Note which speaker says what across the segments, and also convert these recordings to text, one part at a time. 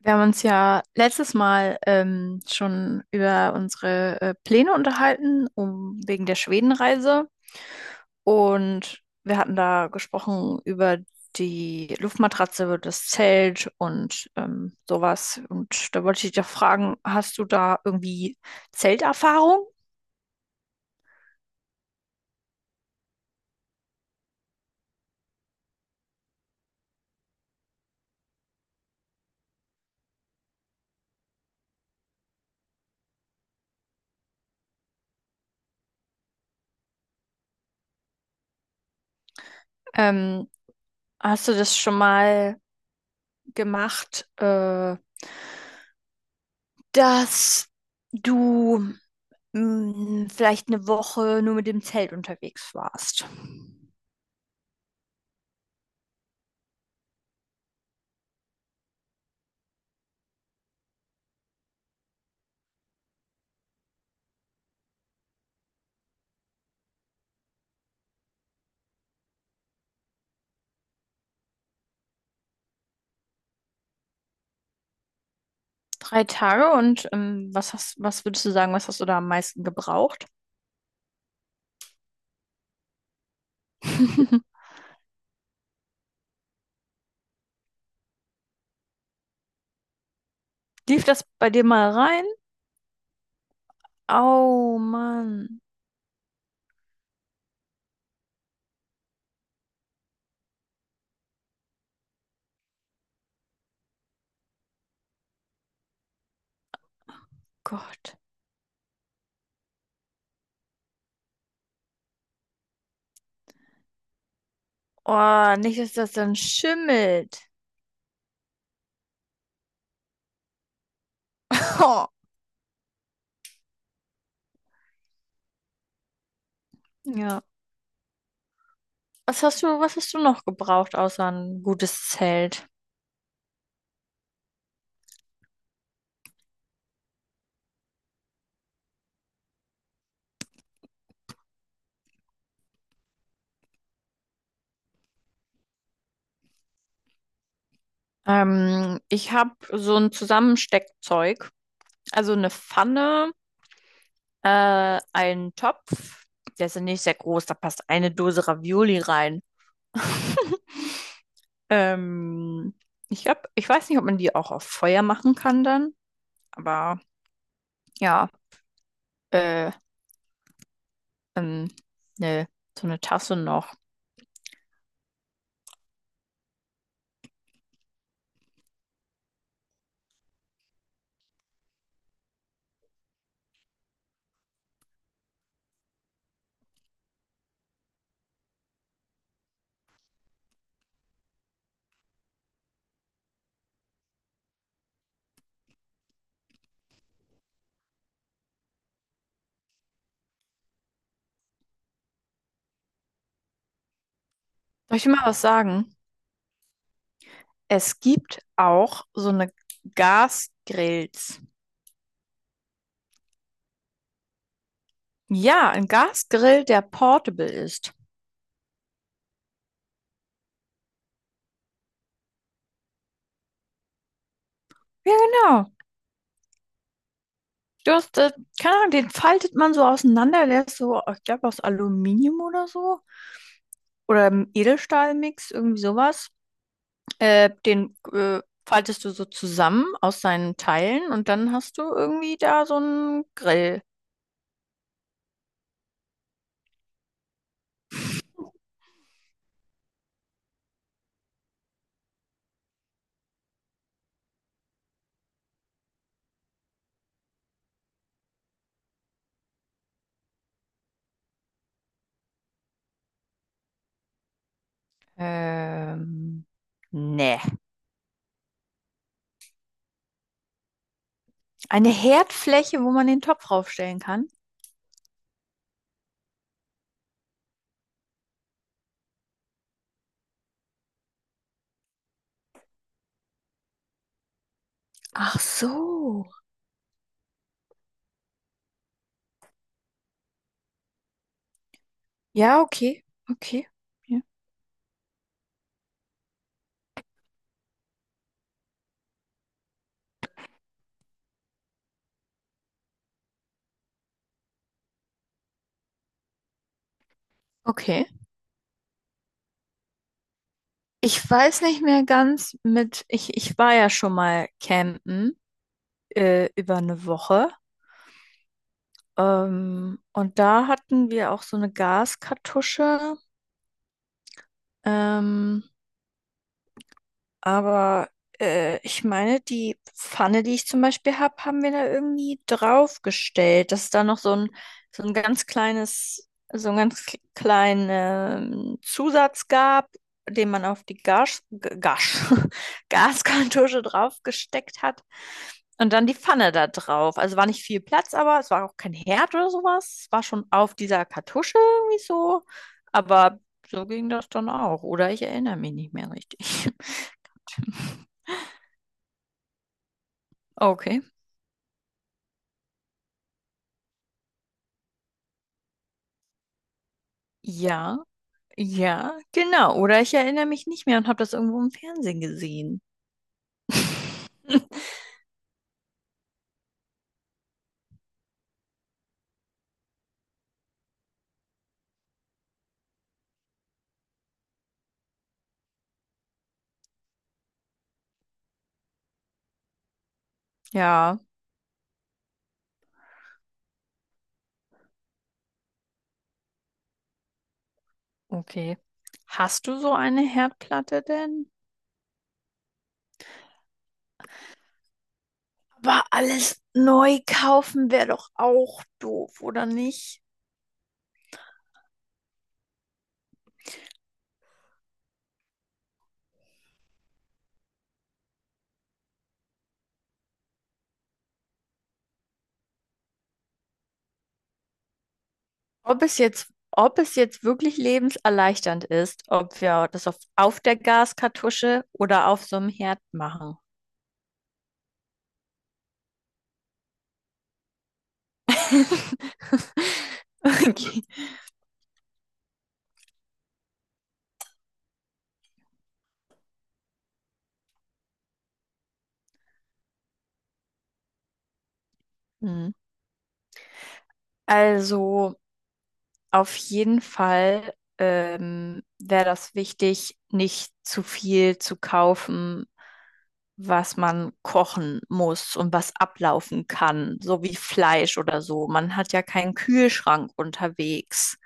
Speaker 1: Wir haben uns ja letztes Mal schon über unsere Pläne unterhalten, um wegen der Schwedenreise. Und wir hatten da gesprochen über die Luftmatratze, über das Zelt und sowas. Und da wollte ich dich doch fragen, hast du da irgendwie Zelterfahrung? Ähm, Hast du das schon mal gemacht, dass du vielleicht 1 Woche nur mit dem Zelt unterwegs warst? 3 Tage, und was hast, was würdest du sagen, was hast du da am meisten gebraucht? Lief das bei dir mal rein? Oh Mann, Gott. Oh, nicht, dass das dann schimmelt. Ja. Was hast du noch gebraucht, außer ein gutes Zelt? Ich habe so ein Zusammensteckzeug, also eine Pfanne, einen Topf. Der ist ja nicht sehr groß, da passt eine Dose Ravioli rein. Ähm, ich hab, ich weiß nicht, ob man die auch auf Feuer machen kann dann, aber ja, äh, ähm, ne, so eine Tasse noch. Soll ich dir mal was sagen? Es gibt auch so eine Gasgrills. Ja, ein Gasgrill, der portable ist. Ja, genau. Du hast, keine Ahnung, den faltet man so auseinander, der ist so, ich glaube, aus Aluminium oder so. Oder im Edelstahlmix, irgendwie sowas. Den faltest du so zusammen aus seinen Teilen und dann hast du irgendwie da so einen Grill. Ähm, nee. Eine Herdfläche, wo man den Topf draufstellen kann. Ach so. Ja, okay. Okay. Ja. Okay. Ich weiß nicht mehr ganz mit, ich war ja schon mal campen, über 1 Woche. Und da hatten wir auch so eine Gaskartusche. Ähm, Aber ich meine, die Pfanne, die ich zum Beispiel habe, haben wir da irgendwie draufgestellt, dass da noch so ein ganz kleines, so ein ganz k- kleinen Zusatz gab, den man auf die Gas, G- Gas, Gaskartusche draufgesteckt hat. Und dann die Pfanne da drauf. Also war nicht viel Platz, aber es war auch kein Herd oder sowas. Es war schon auf dieser Kartusche irgendwie so. Aber so ging das dann auch. Oder ich erinnere mich nicht mehr richtig. Okay. Ja, ja, genau. Oder ich erinnere mich nicht mehr und habe das irgendwo im Fernsehen gesehen. Ja, okay. Hast du so eine Herdplatte denn? Aber alles neu kaufen wäre doch auch doof, oder nicht? Ob es jetzt wirklich lebenserleichternd ist, ob wir das auf der Gaskartusche oder auf so einem Herd machen. Okay. Hm. Also. Auf jeden Fall wäre das wichtig, nicht zu viel zu kaufen, was man kochen muss und was ablaufen kann, so wie Fleisch oder so. Man hat ja keinen Kühlschrank unterwegs.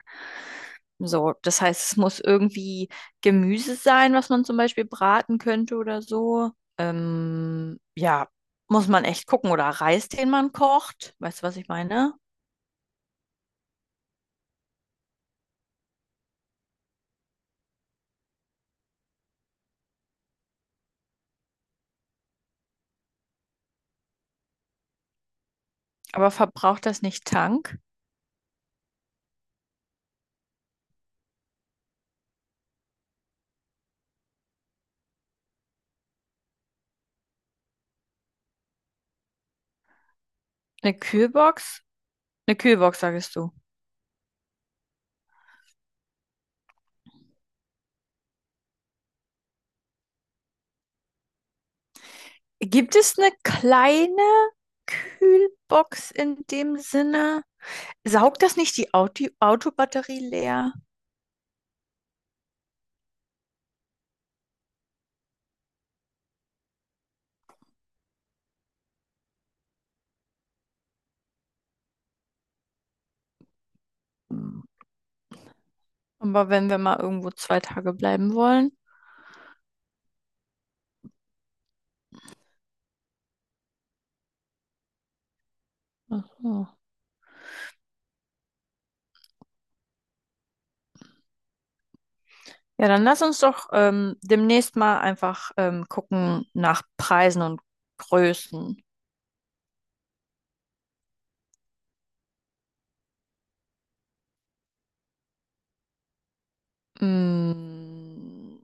Speaker 1: So, das heißt, es muss irgendwie Gemüse sein, was man zum Beispiel braten könnte oder so. Ja, muss man echt gucken. Oder Reis, den man kocht. Weißt du, was ich meine? Aber verbraucht das nicht Tank? Eine Kühlbox? Eine Kühlbox, sagst du. Gibt es eine kleine Kühlbox in dem Sinne? Saugt das nicht die Autobatterie leer? Aber wenn wir mal irgendwo 2 Tage bleiben wollen. Ach so. Ja, dann lass uns doch demnächst mal einfach gucken nach Preisen und Größen. Mm,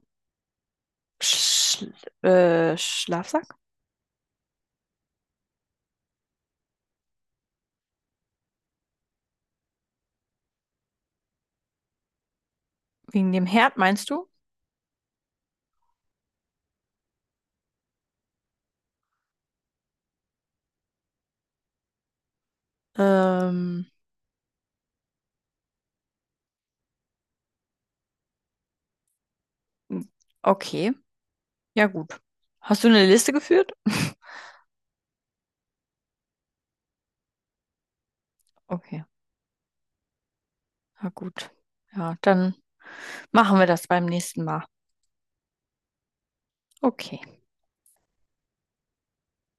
Speaker 1: Schl Schlafsack? Wegen dem Herd, meinst du? Ähm, okay, ja, gut. Hast du eine Liste geführt? Okay, na gut. Ja, dann machen wir das beim nächsten Mal. Okay.